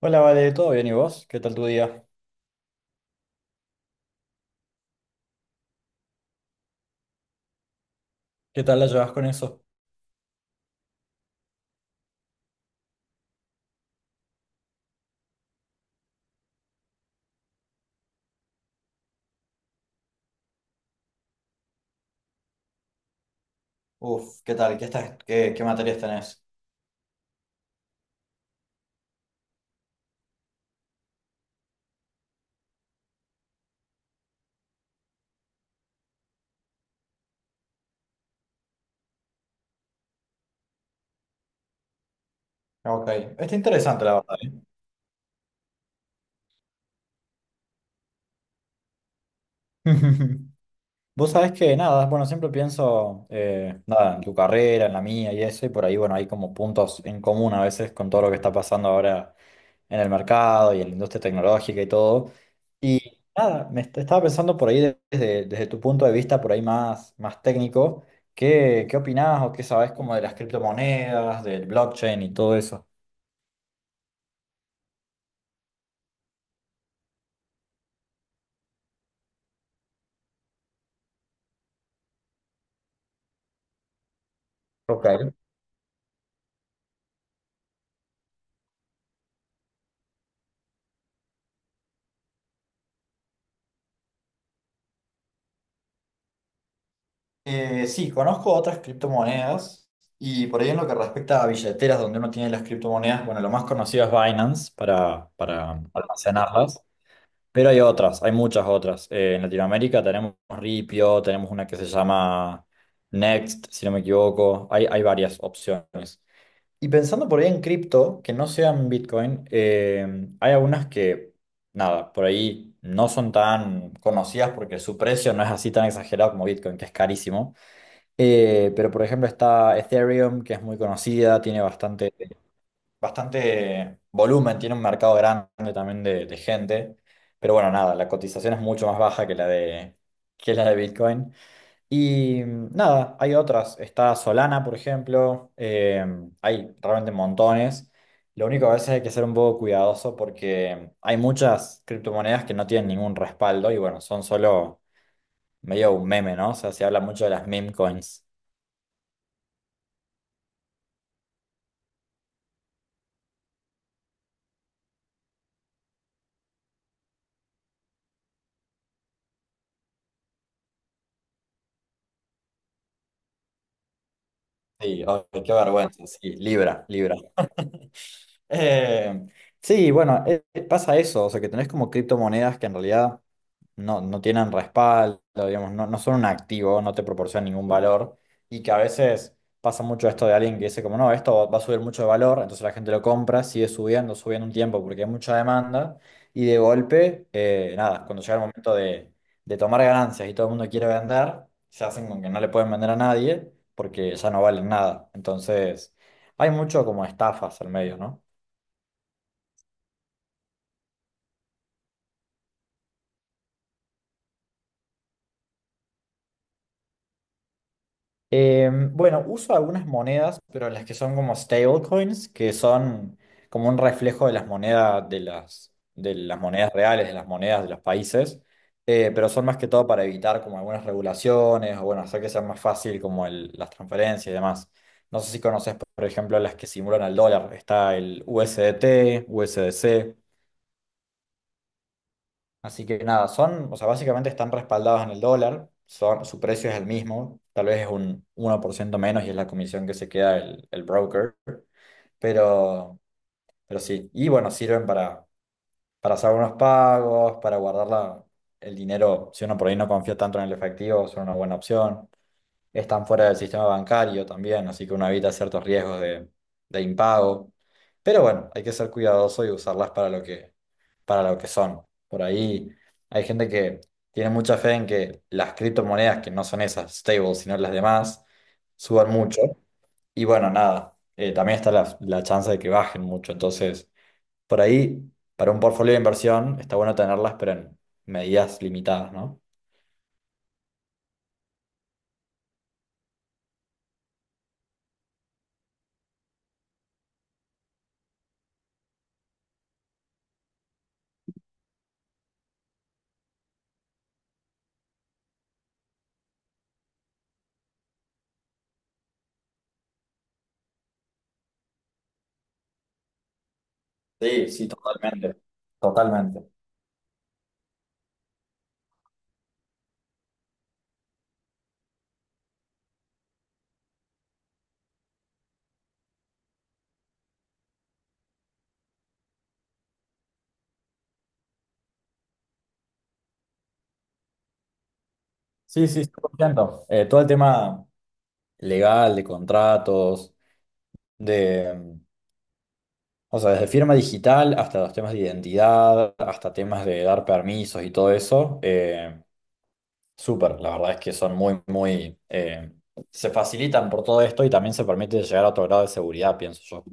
Hola, Vale, ¿todo bien? ¿Y vos? ¿Qué tal tu día? ¿Qué tal la llevas con eso? Uf, ¿qué tal? ¿Qué estás? ¿Qué materias tenés? Ok, está interesante la verdad, ¿eh? Vos sabés que nada, bueno, siempre pienso nada, en tu carrera, en la mía y eso, y por ahí, bueno, hay como puntos en común a veces con todo lo que está pasando ahora en el mercado y en la industria tecnológica y todo. Y nada, estaba pensando por ahí desde, desde tu punto de vista, por ahí más, más técnico, ¿qué opinás o qué sabés como de las criptomonedas, del blockchain y todo eso? Ok. Sí, conozco otras criptomonedas y por ahí en lo que respecta a billeteras donde uno tiene las criptomonedas, bueno, lo más conocido es Binance para almacenarlas. Pero hay otras, hay muchas otras. En Latinoamérica tenemos Ripio, tenemos una que se llama Next, si no me equivoco. Hay varias opciones. Y pensando por ahí en cripto, que no sean Bitcoin, hay algunas que, nada, por ahí no son tan conocidas porque su precio no es así tan exagerado como Bitcoin, que es carísimo. Pero por ejemplo está Ethereum, que es muy conocida, tiene bastante volumen, tiene un mercado grande también de gente, pero bueno, nada, la cotización es mucho más baja que la de Bitcoin. Y nada, hay otras, está Solana, por ejemplo, hay realmente montones. Lo único que a veces hay que ser un poco cuidadoso porque hay muchas criptomonedas que no tienen ningún respaldo y bueno, son solo medio un meme, ¿no? O sea, se habla mucho de las meme coins. Sí, ay, qué vergüenza, sí, Libra, Libra. Eh, sí, bueno, pasa eso, o sea que tenés como criptomonedas que en realidad no, no tienen respaldo, digamos, no, no son un activo, no te proporcionan ningún valor y que a veces pasa mucho esto de alguien que dice como no, esto va a subir mucho de valor, entonces la gente lo compra, sigue subiendo, subiendo un tiempo porque hay mucha demanda y de golpe, nada, cuando llega el momento de tomar ganancias y todo el mundo quiere vender, se hacen con que no le pueden vender a nadie porque ya no valen nada, entonces hay mucho como estafas al medio, ¿no? Bueno, uso algunas monedas, pero las que son como stablecoins, que son como un reflejo de las monedas reales, de las monedas de los países, pero son más que todo para evitar como algunas regulaciones o bueno, hacer que sea más fácil como las transferencias y demás. No sé si conoces, por ejemplo, las que simulan al dólar. Está el USDT, USDC. Así que nada, son, o sea, básicamente están respaldados en el dólar, son, su precio es el mismo, tal vez es un uno por ciento menos y es la comisión que se queda el broker, pero, pero sí, y bueno, sirven para hacer unos pagos, para guardar el dinero, si uno por ahí no confía tanto en el efectivo, son una buena opción. Están fuera del sistema bancario también, así que uno evita ciertos riesgos de impago. Pero bueno, hay que ser cuidadoso y usarlas para lo que son. Por ahí hay gente que tiene mucha fe en que las criptomonedas, que no son esas stables, sino las demás, suban mucho. Y bueno, nada, también está la, la chance de que bajen mucho. Entonces, por ahí, para un portfolio de inversión, está bueno tenerlas, pero en medidas limitadas, ¿no? Sí, sí, totalmente. Totalmente. Sí, sí, estoy contento. Todo el tema legal, de contratos, de, o sea, desde firma digital hasta los temas de identidad, hasta temas de dar permisos y todo eso, súper, la verdad es que son muy, muy, se facilitan por todo esto y también se permite llegar a otro grado de seguridad, pienso yo.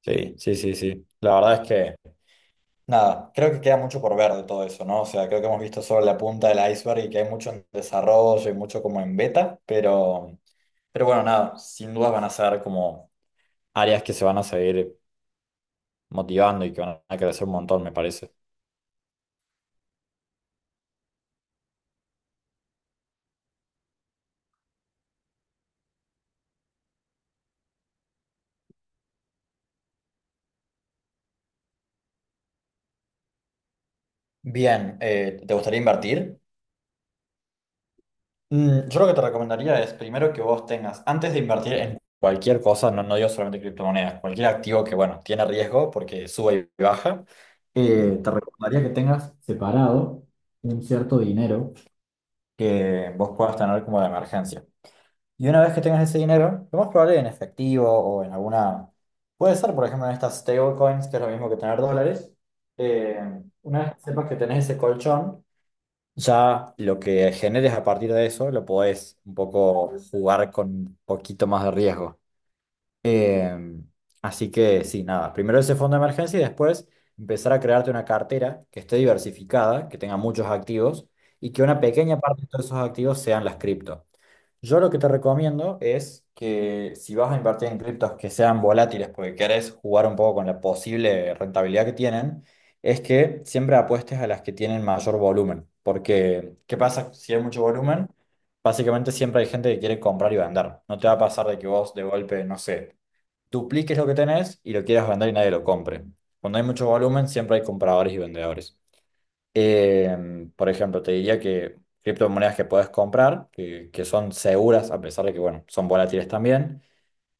Sí, sí, sí, sí. La verdad es que nada, creo que queda mucho por ver de todo eso, ¿no? O sea, creo que hemos visto solo la punta del iceberg y que hay mucho en desarrollo y mucho como en beta, pero bueno, nada, sin dudas van a ser como áreas que se van a seguir motivando y que van a crecer un montón, me parece. Bien, ¿te gustaría invertir? Yo lo que te recomendaría es primero que vos tengas, antes de invertir en cualquier cosa, no, no digo solamente criptomonedas, cualquier activo que, bueno, tiene riesgo porque sube y baja, te recomendaría que tengas separado un cierto dinero que vos puedas tener como de emergencia. Y una vez que tengas ese dinero, lo más probable en efectivo o en alguna, puede ser por ejemplo en estas stablecoins, que es lo mismo que tener dólares, eh, una vez que sepas que tenés ese colchón, ya lo que generes a partir de eso lo podés un poco jugar con un poquito más de riesgo. Em, Así que sí, nada, primero ese fondo de emergencia y después empezar a crearte una cartera que esté diversificada, que tenga muchos activos y que una pequeña parte de todos esos activos sean las cripto. Yo lo que te recomiendo es que si vas a invertir en criptos que sean volátiles porque querés jugar un poco con la posible rentabilidad que tienen, es que siempre apuestes a las que tienen mayor volumen. Porque, ¿qué pasa si hay mucho volumen? Básicamente siempre hay gente que quiere comprar y vender. No te va a pasar de que vos de golpe, no sé, dupliques lo que tenés y lo quieras vender y nadie lo compre. Cuando hay mucho volumen, siempre hay compradores y vendedores. Por ejemplo, te diría que criptomonedas que puedes comprar, que son seguras, a pesar de que, bueno, son volátiles también,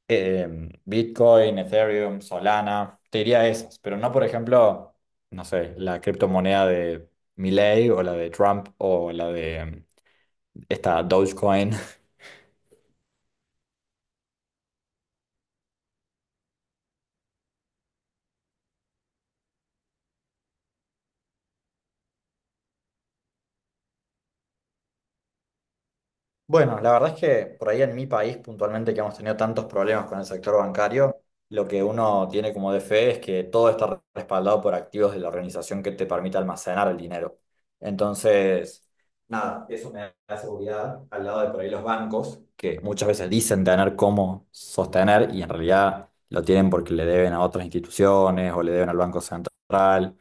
eh, Bitcoin, Ethereum, Solana, te diría esas, pero no, por ejemplo, no sé, la criptomoneda de Milei o la de Trump o la de esta Dogecoin. Bueno, la verdad es que por ahí en mi país puntualmente que hemos tenido tantos problemas con el sector bancario, lo que uno tiene como de fe es que todo está respaldado por activos de la organización que te permite almacenar el dinero. Entonces, nada, eso me da seguridad al lado de por ahí los bancos, que muchas veces dicen tener cómo sostener y en realidad lo tienen porque le deben a otras instituciones o le deben al Banco Central.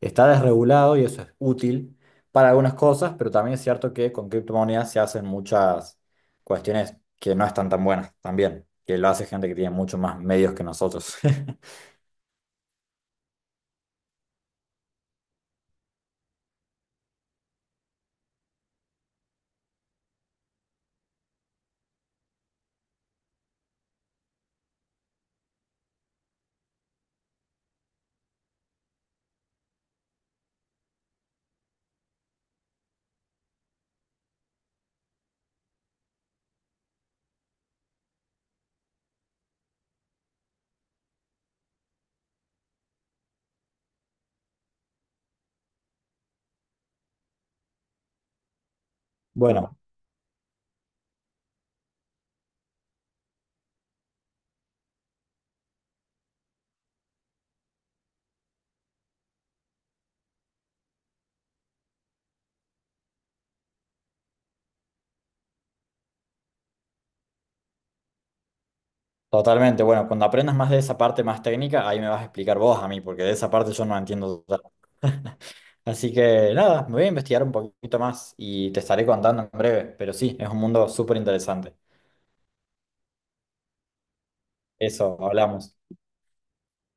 Está desregulado y eso es útil para algunas cosas, pero también es cierto que con criptomonedas se hacen muchas cuestiones que no están tan buenas también, que lo hace gente que tiene mucho más medios que nosotros. Bueno, totalmente. Bueno, cuando aprendas más de esa parte más técnica, ahí me vas a explicar vos a mí, porque de esa parte yo no entiendo total. Así que nada, me voy a investigar un poquito más y te estaré contando en breve, pero sí, es un mundo súper interesante. Eso, hablamos.